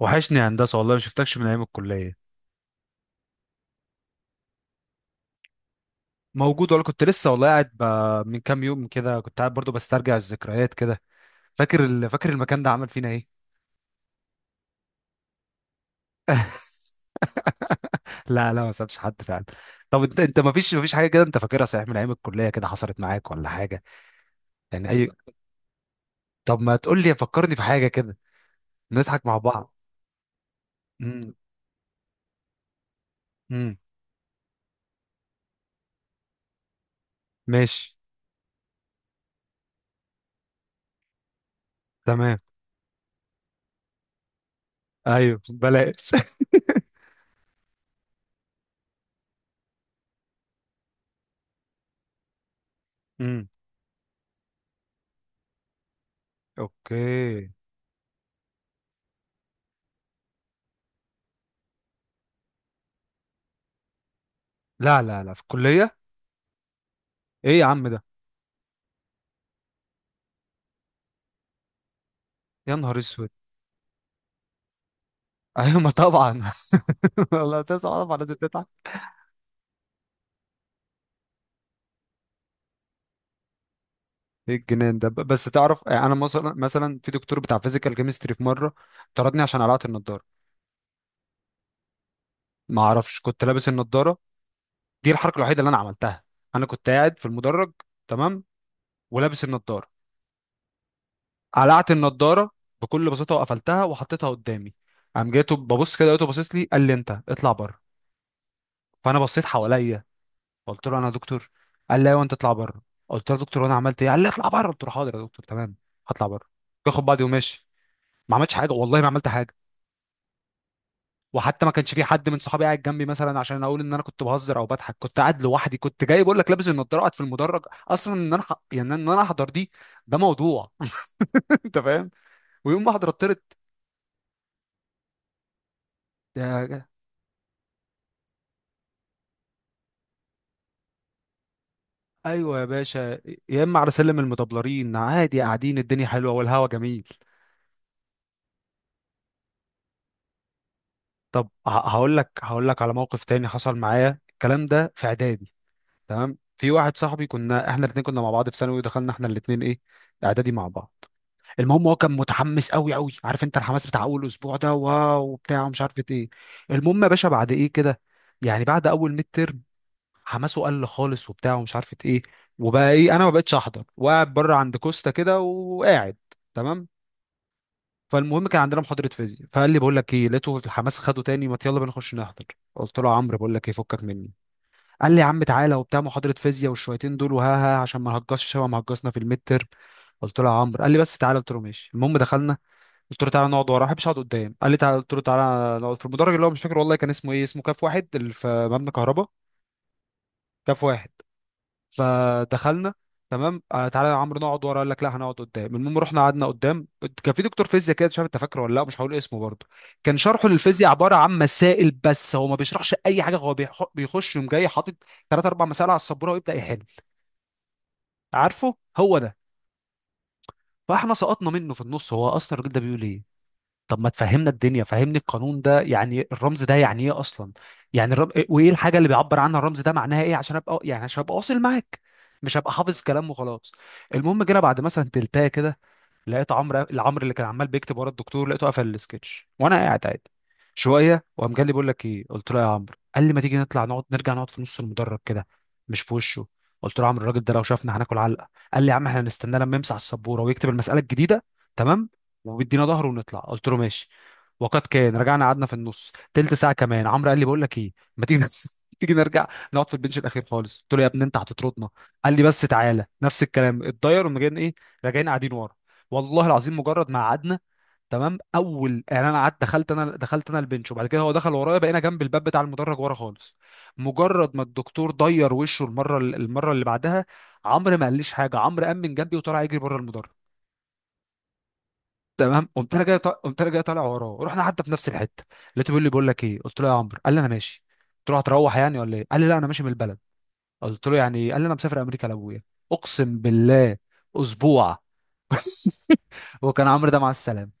وحشني يا هندسه والله ما شفتكش من ايام الكليه. موجود والله، كنت لسه والله قاعد من كام يوم كده كنت قاعد برضو بسترجع الذكريات كده. فاكر فاكر المكان ده عمل فينا ايه؟ لا لا، ما سابش حد فعلا. طب انت ما فيش حاجه كده انت فاكرها صحيح من ايام الكليه كده حصلت معاك ولا حاجه؟ يعني اي. طب ما تقول لي، فكرني في حاجه كده نضحك مع بعض. امم امم ماشي. تمام. ايوه بلاش. امم اوكي. لا لا لا، في الكليه؟ ايه يا عم ده! يا نهار اسود! ايوه ما طبعا. والله تسعه طبعا لازم تتعب. ايه الجنان ده؟ بس تعرف، انا مثلا في دكتور بتاع فيزيكال كيمستري في مره طردني عشان قلعت النضاره. ما اعرفش، كنت لابس النضاره، دي الحركه الوحيده اللي انا عملتها. انا كنت قاعد في المدرج، تمام، ولابس النضاره، قلعت النضاره بكل بساطه وقفلتها وحطيتها قدامي. قام جاته ببص كده، لقيته باصص لي، قال لي انت اطلع بره. فانا بصيت حواليا، قلت له انا يا دكتور؟ قال لا، وانت اطلع بره. قلت له يا دكتور وانا عملت ايه؟ قال لي اطلع بره. قلت له حاضر يا دكتور، تمام، هطلع بره. باخد بعضي وماشي، ما عملتش حاجه، والله ما عملت حاجه. وحتى ما كانش في حد من صحابي قاعد جنبي مثلا عشان اقول ان انا كنت بهزر او بضحك. كنت قاعد لوحدي، كنت جاي بقول لك، لابس النضاره قاعد في المدرج. اصلا ان انا يعني ان انا احضر دي ده موضوع. انت فاهم؟ ويوم ما احضر طرت. يا- ايوه يا باشا، يا اما على سلم المدبلرين عادي قاعدين، الدنيا حلوه والهوا جميل. طب هقول لك على موقف تاني حصل معايا الكلام ده في اعدادي. تمام، في واحد صاحبي كنا احنا الاثنين كنا مع بعض في ثانوي ودخلنا احنا الاثنين ايه اعدادي مع بعض. المهم هو كان متحمس قوي قوي، عارف انت الحماس بتاع اول اسبوع ده، واو وبتاع ومش عارف ايه. المهم يا باشا بعد ايه كده، يعني بعد اول ميد ترم، حماسه قل خالص وبتاع ومش عارف ايه. وبقى ايه، انا ما بقتش احضر وقاعد بره عند كوستا كده وقاعد، تمام. فالمهم، كان عندنا محاضره فيزياء، فقال لي بقول لك ايه، لقيته في الحماس خده تاني، ما يلا بينا نخش نحضر. قلت له يا عمرو بقول لك ايه، فكك مني. قال لي يا عم تعالى وبتاع، محاضره فيزياء والشويتين دول وها ها عشان ما نهجصش شبه ما هجصنا في الميد ترم. قلت له يا عمرو. قال لي بس تعالى. قلت له ماشي. المهم دخلنا. قلت له تعالى نقعد ورا، ما بحبش اقعد قدام. قال لي تعالى. قلت له تعالى نقعد في المدرج اللي هو مش فاكر والله كان اسمه ايه، اسمه كاف واحد اللي في مبنى كهرباء. كاف واحد. فدخلنا. تمام آه تعالى يا عمرو نقعد ورا، قال لك لا هنقعد قدام. المهم رحنا قعدنا قدام. كان في دكتور فيزياء كده، مش عارف انت فاكره ولا لا، مش هقول اسمه برضه. كان شرحه للفيزياء عباره عن مسائل بس، هو ما بيشرحش اي حاجه، هو بيخش يوم جاي حاطط 3 أو 4 مسائل على السبوره ويبدا يحل. عارفه هو ده. فاحنا سقطنا منه في النص، هو اصلا الراجل ده بيقول ايه؟ طب ما تفهمنا الدنيا، فهمني القانون ده يعني، الرمز ده يعني ايه اصلا؟ يعني وايه الحاجه اللي بيعبر عنها الرمز ده، معناها ايه عشان ابقى يعني عشان ابقى واصل معاك، مش هبقى حافظ كلام وخلاص. المهم جينا بعد مثلا تلتايه كده، لقيت عمرو، اللي كان عمال بيكتب ورا الدكتور، لقيته قفل السكتش وانا قاعد عادي. شويه وقام جالي بيقول لك ايه. قلت له يا عمرو. قال لي ما تيجي نطلع، نقعد، نرجع نقعد في نص المدرج كده مش في وشه. قلت له يا عمرو الراجل ده لو شافنا هناكل علقه. قال لي يا عم احنا هنستناه لما يمسح السبوره ويكتب المساله الجديده، تمام، وبيدينا ظهره ونطلع. قلت له ماشي. وقد كان، رجعنا قعدنا في النص. تلت ساعه كمان، عمرو قال لي بقول لك ايه، ما تيجي تيجي نرجع نقعد في البنش الاخير خالص. قلت له يا ابني انت هتطردنا. قال لي بس تعالى. نفس الكلام اتضير ومجان ايه، راجعين قاعدين ورا. والله العظيم مجرد ما قعدنا، تمام، اول يعني انا قعدت، دخلت انا، دخلت انا البنش وبعد كده هو دخل ورايا، بقينا جنب الباب بتاع المدرج ورا خالص. مجرد ما الدكتور ضير وشه المره اللي بعدها، عمرو ما قاليش حاجه، عمرو قام من جنبي وطلع يجري بره المدرج. تمام قمت انا جاي قمت انا جاي طالع وراه، رحنا حتى في نفس الحته. لقيته بيقول لي بقول لك ايه. قلت له يا عمرو. قال لي انا ماشي. قلت له هتروح يعني ولا ايه؟ قال لي لا، انا ماشي من البلد. قلت له يعني إيه؟ قال لي انا مسافر امريكا لابويا، اقسم بالله، اسبوع. وكان عمرو ده مع السلامه.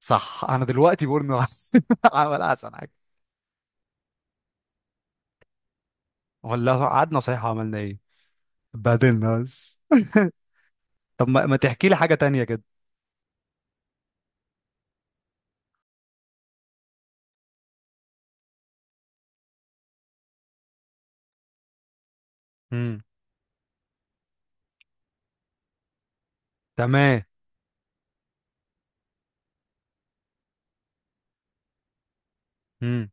صح، انا دلوقتي بورنو. عمل احسن حاجه. ولا هو قعدنا صحيح عملنا ايه، بدلنا بس. طب ما تحكي لي حاجه تانية كده. امم. تمام. امم.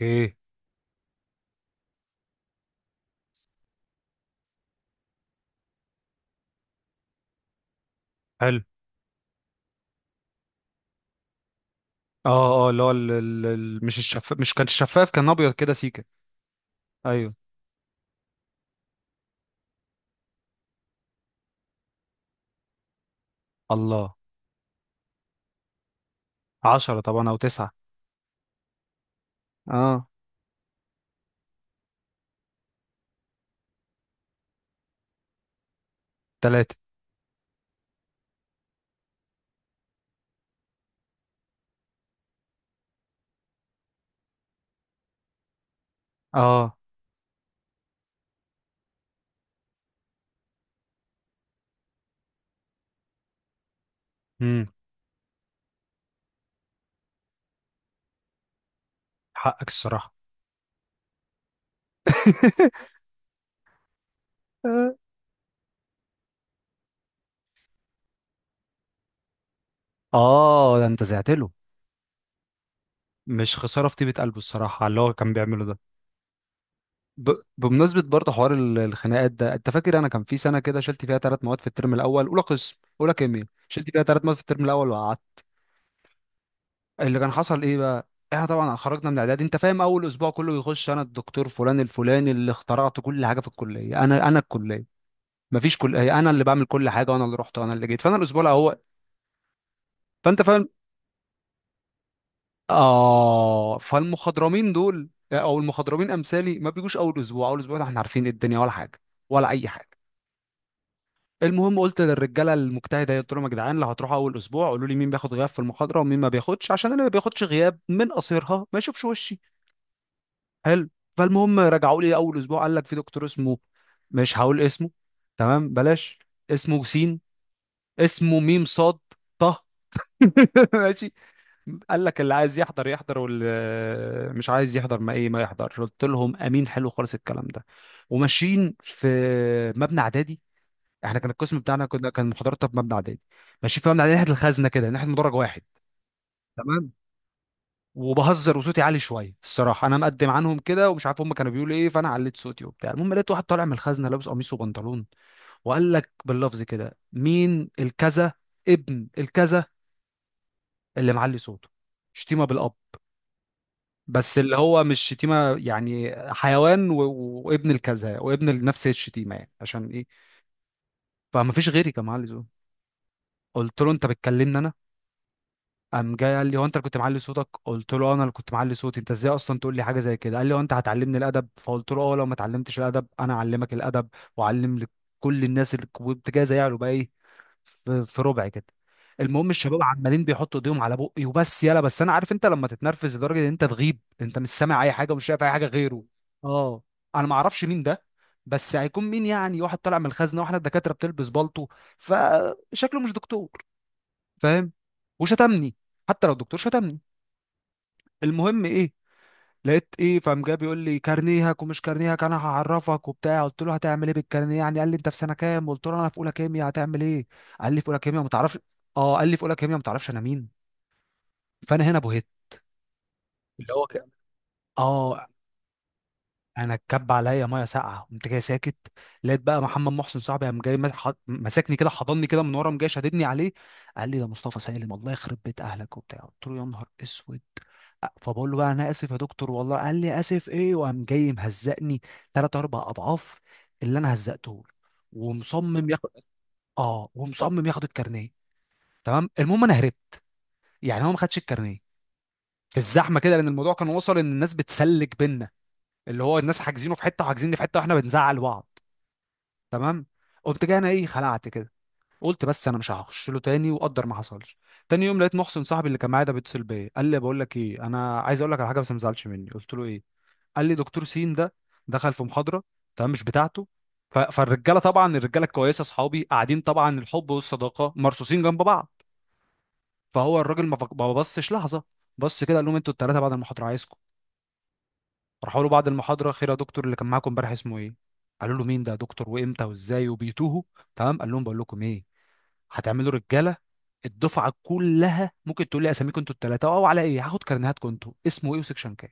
ايه. حلو. اه اه، اللي هو مش الشفاف، مش كان شفاف، كان ابيض كده سيكه. ايوه. الله. عشرة طبعا او تسعة. اه. تلاتة. اه. امم. حقك الصراحة. اه ده انت زعت له. مش خسارة في طيبة قلبه الصراحة على اللي هو كان بيعمله ده. بمناسبة برضه حوار الخناقات ده، انت فاكر انا كان في سنة كده شلت فيها 3 مواد في الترم الاول، اولى قسم اولى كيمياء، شلت فيها ثلاث مواد في الترم الاول وقعدت. اللي كان حصل ايه بقى، احنا طبعا خرجنا من اعدادي، انت فاهم، اول اسبوع كله يخش، انا الدكتور فلان الفلاني اللي اخترعت كل حاجة في الكلية، انا الكلية، مفيش كلية، انا اللي بعمل كل حاجة وانا اللي رحت وانا اللي جيت. فانا الاسبوع الاول، فانت فاهم، اه، فالمخضرمين دول او المخضرمين امثالي ما بيجوش اول اسبوع. اول اسبوع ده احنا عارفين إيه الدنيا ولا حاجة، ولا اي حاجة. المهم قلت للرجاله المجتهده، قلت لهم يا جدعان لو هتروحوا اول اسبوع قولوا لي مين بياخد غياب في المحاضره ومين ما بياخدش، عشان اللي ما بياخدش غياب من قصيرها ما يشوفش وشي. حلو. فالمهم رجعوا لي اول اسبوع، قال لك في دكتور اسمه، مش هقول اسمه، تمام بلاش، اسمه سين، اسمه ميم صاد طه. ماشي. قال لك اللي عايز يحضر يحضر واللي مش عايز يحضر ما ايه ما يحضرش. قلت لهم امين، حلو خالص الكلام ده. وماشيين في مبنى اعدادي، احنا كان القسم بتاعنا، كنا كان محاضراتنا في مبنى اعدادي، ماشيين في مبنى اعدادي ناحيه الخزنه كده، ناحيه مدرج واحد، تمام. وبهزر وصوتي عالي شويه الصراحه، انا مقدم عنهم كده ومش عارف هم كانوا بيقولوا ايه، فانا عليت صوتي وبتاع. المهم لقيت واحد طالع من الخزنه لابس قميص وبنطلون وقال لك باللفظ كده مين الكذا ابن الكذا اللي معلي صوته، شتيمه بالاب بس اللي هو مش شتيمه يعني، حيوان وابن الكذا وابن نفس الشتيمه يعني، عشان ايه؟ فما فيش غيري كان معلي صوته. قلت له انت بتكلمني انا؟ قام جاي قال لي هو انت اللي كنت معلي صوتك؟ قلت له "آه، انا اللي كنت معلي صوتي، انت ازاي اصلا تقول لي حاجه زي كده؟ قال لي هو انت هتعلمني الادب؟ فقلت له اه، لو ما اتعلمتش الادب انا اعلمك الادب واعلم لكل الناس اللي كنت جاي زيها بقى ايه في ربع كده. المهم الشباب عمالين بيحطوا ايديهم على بقي وبس يلا بس، انا عارف انت لما تتنرفز لدرجه ان انت تغيب انت مش سامع اي حاجه ومش شايف اي حاجه غيره. اه. انا ما اعرفش مين ده، بس هيكون مين يعني، واحد طالع من الخزنه واحنا الدكاتره بتلبس بالطو، فشكله مش دكتور، فاهم، وشتمني، حتى لو الدكتور شتمني. المهم ايه، لقيت ايه، فقام جاي بيقول لي كارنيهك ومش كارنيهك انا هعرفك وبتاع. قلت له هتعمل ايه بالكارنيه يعني؟ قال لي انت في سنه كام؟ قلت له انا في اولى كيمياء، هتعمل ايه؟ قال لي في اولى كيمياء ما تعرفش، اه، قال لي في اولى كيمياء ما تعرفش انا مين. فانا هنا بهت، اللي هو كده. اه، انا اتكب عليا ميه ساقعه، قمت جاي ساكت. لقيت بقى محمد محسن صاحبي قام جاي مسكني كده حضني كده من ورا، قام جاي شاددني عليه، قال لي ده مصطفى سالم، الله يخرب بيت اهلك وبتاع. قلت له يا نهار اسود. فبقول له بقى انا اسف يا دكتور والله. قال لي اسف ايه، وقام جاي مهزقني 3 أو 4 اضعاف اللي انا هزقته له، ومصمم ياخد، اه ومصمم ياخد الكارنيه. تمام المهم انا هربت، يعني هو ما خدش الكارنيه في الزحمه كده، لان الموضوع كان وصل ان الناس بتسلك بينا، اللي هو الناس حاجزينه في حته وحاجزيني في حته واحنا بنزعل بعض، تمام. قمت جاي انا ايه خلعت كده، قلت بس انا مش هخش له تاني وقدر ما حصلش. تاني يوم لقيت محسن صاحبي اللي كان معايا ده بيتصل بيا، قال لي بقول لك ايه، انا عايز اقول لك على حاجه بس ما تزعلش مني. قلت له ايه؟ قال لي دكتور سين ده دخل في محاضره تمام مش بتاعته، فالرجاله طبعا الرجاله الكويسه اصحابي قاعدين طبعا، الحب والصداقه مرصوصين جنب بعض. فهو الراجل ما بصش لحظه، بص كده قال لهم انتوا الثلاثه بعد المحاضره عايزكم. راحوا له بعد المحاضره، خير يا دكتور؟ اللي كان معاكم امبارح اسمه ايه؟ قالوا له مين ده يا دكتور وامتى وازاي وبيتوه. تمام، قال لهم بقول لكم ايه، هتعملوا رجاله الدفعه كلها ممكن تقول لي اساميكم انتوا الثلاثه او على ايه هاخد كارنيهاتكم انتوا، اسمه ايه وسكشن كام.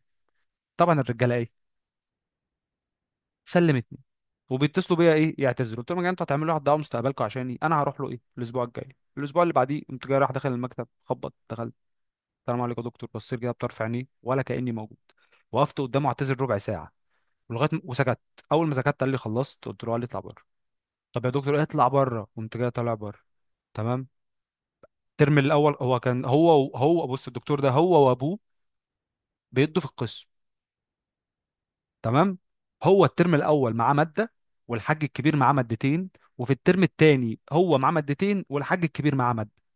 طبعا الرجاله ايه، سلمتني. وبيتصلوا بيا ايه يعتذروا. قلت لهم يا جماعه انتوا هتعملوا واحد دعوه، مستقبلكم عشاني، انا هروح له ايه الاسبوع الجاي الاسبوع اللي بعديه. قمت جاي رايح داخل المكتب، خبط، دخلت، السلام عليكم يا دكتور. بصيت كده بطرف عينيه ولا كاني موجود. وقفت قدامه اعتذر ربع ساعة، ولغايه وسكت، اول ما سكت قال لي خلصت؟ قلت له. قال لي اطلع بره. طب يا دكتور، اطلع بره، قمت جاي طالع بره، تمام. الترم الاول هو كان هو بص، الدكتور ده هو وابوه بيدوا في القسم، تمام. هو الترم الاول معاه ماده، والحاج الكبير معاه مادتين. وفي الترم الثاني هو معاه مادتين والحاج الكبير معاه ماده.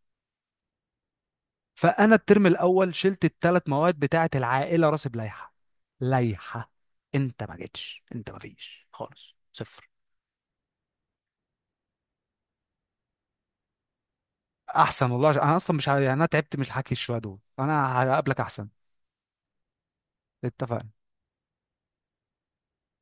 فانا الترم الاول شلت الـ3 مواد بتاعه العائله، راسب لائحه، لائحه، انت ما جيتش، انت ما فيش خالص، صفر. احسن والله، انا اصلا مش يعني انا تعبت من الحكي شويه، دول انا هقابلك احسن. اتفقنا.